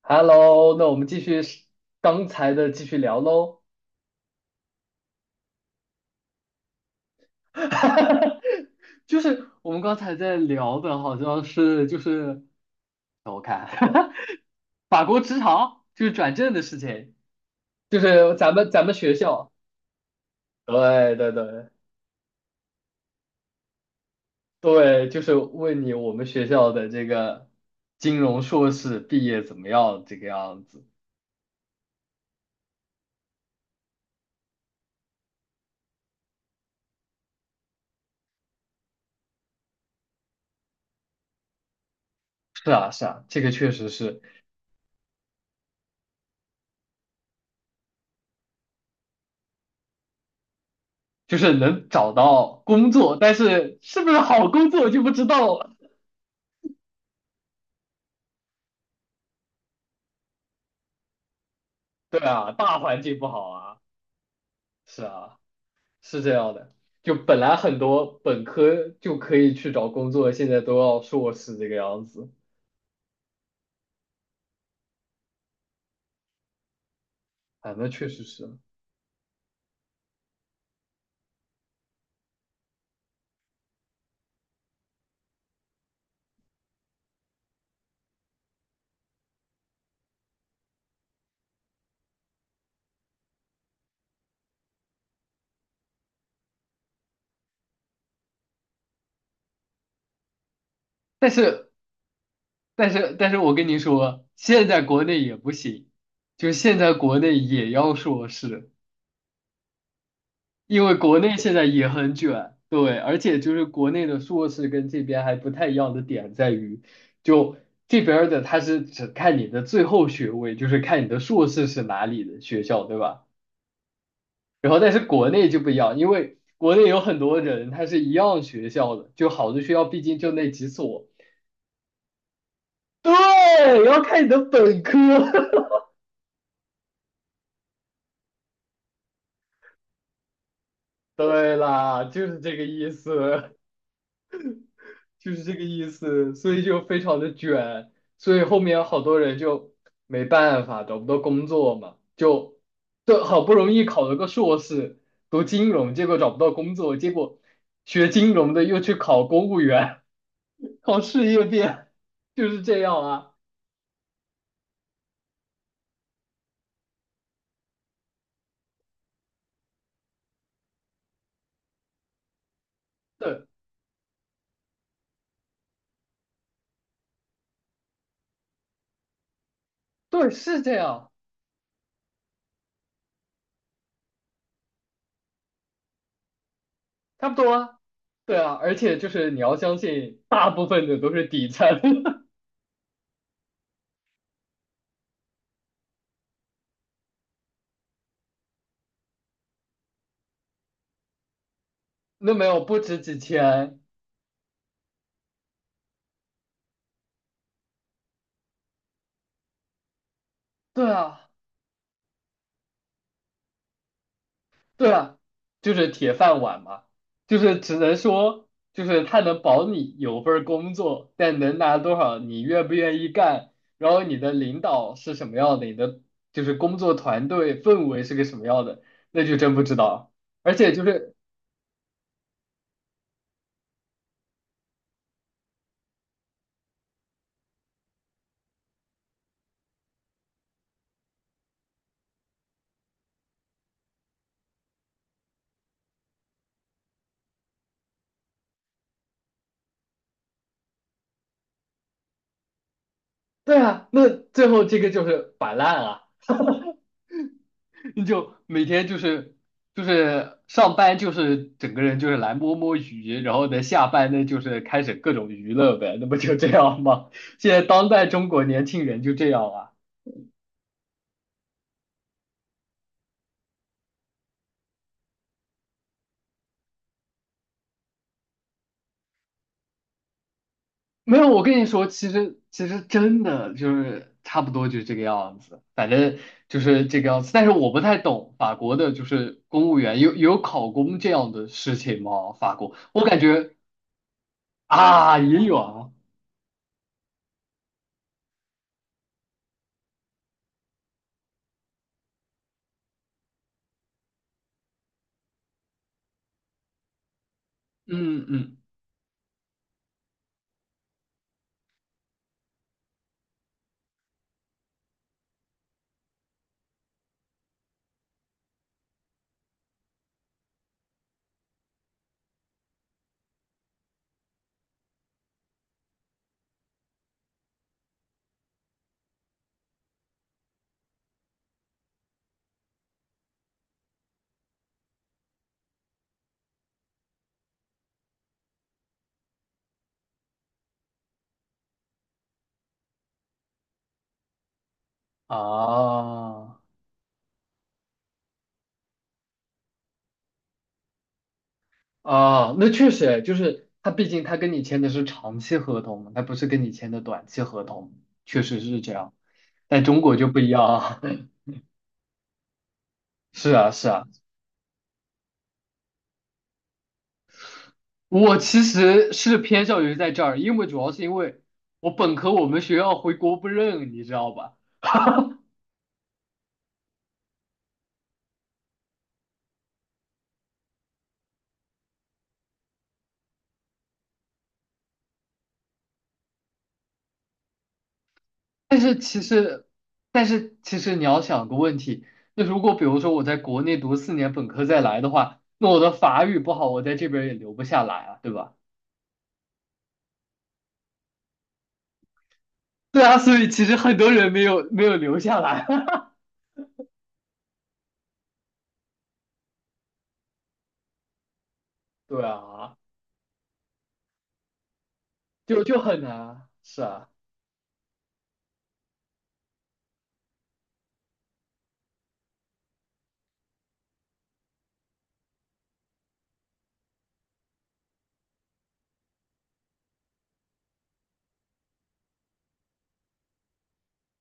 Hello，那我们继续是刚才的继续聊喽。就是我们刚才在聊的，好像是就是让我看 法国职场就是转正的事情，就是咱们学校，对对对对，就是问你我们学校的这个金融硕士毕业怎么样这个样子。是啊是啊，这个确实是，就是能找到工作，但是是不是好工作就不知道了。对啊，大环境不好啊，是啊，是这样的。就本来很多本科就可以去找工作，现在都要硕士这个样子。哎，那确实是。但是，但是我跟你说，现在国内也不行，就现在国内也要硕士，因为国内现在也很卷。对，而且就是国内的硕士跟这边还不太一样的点在于，就这边儿的，他是只看你的最后学位，就是看你的硕士是哪里的学校，对吧？然后但是国内就不一样，因为国内有很多人他是一样学校的，就好的学校毕竟就那几所。对，要看你的本科。对啦，就是这个意思，就是这个意思，所以就非常的卷，所以后面好多人就没办法，找不到工作嘛，就就好不容易考了个硕士，读金融，结果找不到工作，结果学金融的又去考公务员，考事业编，就是这样啊。对。对，是这样，差不多啊。对啊，而且就是你要相信，大部分的都是底层，那没有不值几千。对啊，对啊，就是铁饭碗嘛，就是只能说，就是他能保你有份儿工作，但能拿多少，你愿不愿意干，然后你的领导是什么样的，你的就是工作团队氛围是个什么样的，那就真不知道。而且就是，对啊，那最后这个就是摆烂啊。你就每天就是就是上班就是整个人就是来摸摸鱼，然后呢下班呢就是开始各种娱乐呗，那不就这样吗？现在当代中国年轻人就这样啊？没有，我跟你说，其实真的就是差不多就是这个样子，反正就是这个样子。但是我不太懂法国的，就是公务员有考公这样的事情吗？法国，我感觉啊也有啊，嗯嗯啊。啊，那确实就是他，毕竟他跟你签的是长期合同嘛，他不是跟你签的短期合同，确实是这样。但中国就不一样啊，是啊，是啊，我其实是偏向于在这儿，因为主要是因为我本科我们学校回国不认，你知道吧？但是其实，但是其实你要想个问题，那如果比如说我在国内读四年本科再来的话，那我的法语不好，我在这边也留不下来啊，对吧？对啊，所以其实很多人没有留下来。对啊，就就很难。是啊，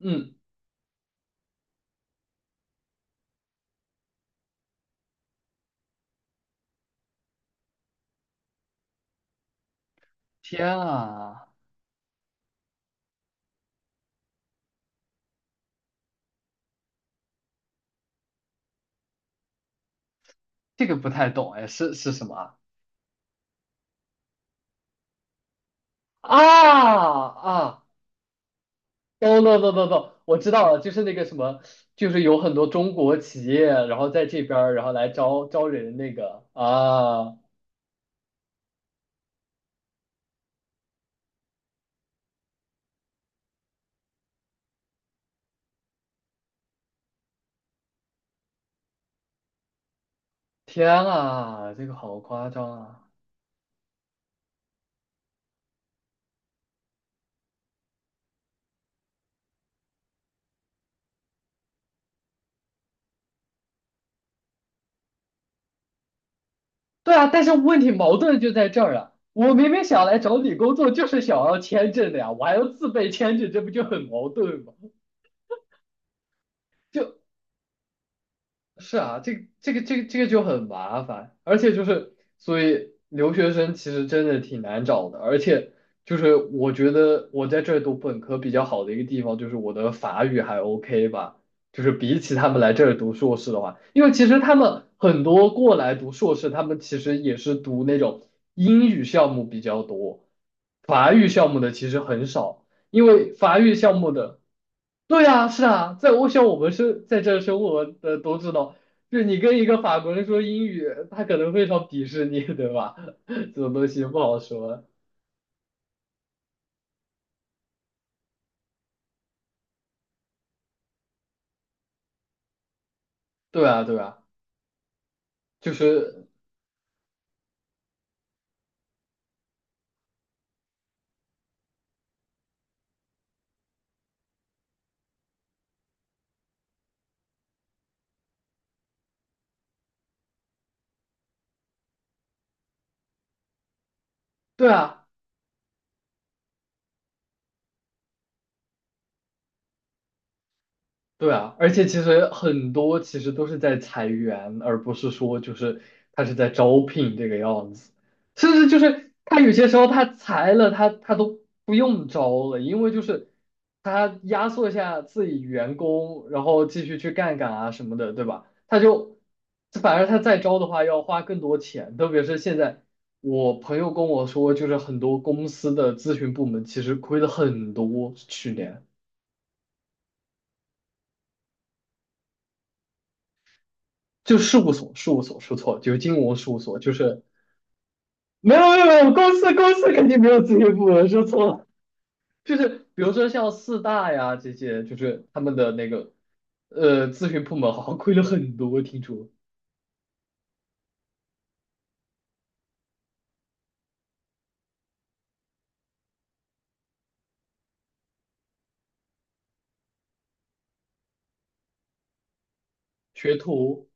嗯，天啊，这个不太懂哎，是什么啊？啊啊，懂懂懂懂懂，我知道了，就是那个什么，就是有很多中国企业，然后在这边儿，然后来招招人那个啊。天啊，这个好夸张啊！对啊，但是问题矛盾就在这儿啊！我明明想来找你工作，就是想要签证的呀，我还要自备签证，这不就很矛盾吗？是啊，这个就很麻烦，而且就是所以留学生其实真的挺难找的，而且就是我觉得我在这儿读本科比较好的一个地方就是我的法语还 OK 吧，就是比起他们来这儿读硕士的话，因为其实他们很多过来读硕士，他们其实也是读那种英语项目比较多，法语项目的其实很少，因为法语项目的。对啊，是啊，在我想我们是在这儿生活的都知道，就是你跟一个法国人说英语，他可能非常鄙视你，对吧？这种东西不好说。对啊，对啊，就是对啊。对啊，而且其实很多其实都是在裁员，而不是说就是他是在招聘这个样子，甚至就是他有些时候他裁了他都不用招了，因为就是他压缩一下自己员工，然后继续去干干啊什么的，对吧？他就反而他再招的话要花更多钱，特别是现在我朋友跟我说，就是很多公司的咨询部门其实亏了很多去年。就事务所，事务所说错了，就是金融事务所，就是没有没有没有，公司公司肯定没有咨询部门说错了，就是比如说像四大呀这些，就是他们的那个咨询部门好像亏了很多，听说学徒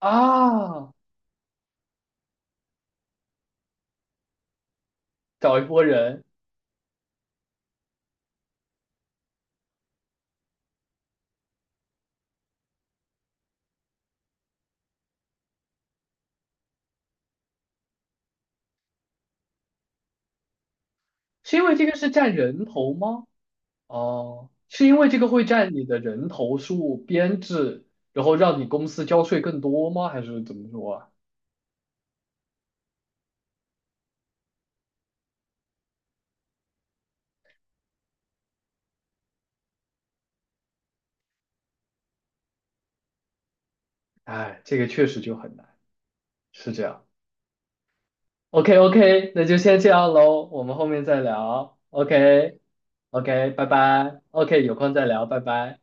啊，找一波人，是因为这个是占人头吗？哦，是因为这个会占你的人头数编制，然后让你公司交税更多吗？还是怎么说啊？哎，这个确实就很难，是这样。OK OK,那就先这样喽，我们后面再聊。OK OK,拜拜。OK,有空再聊，拜拜。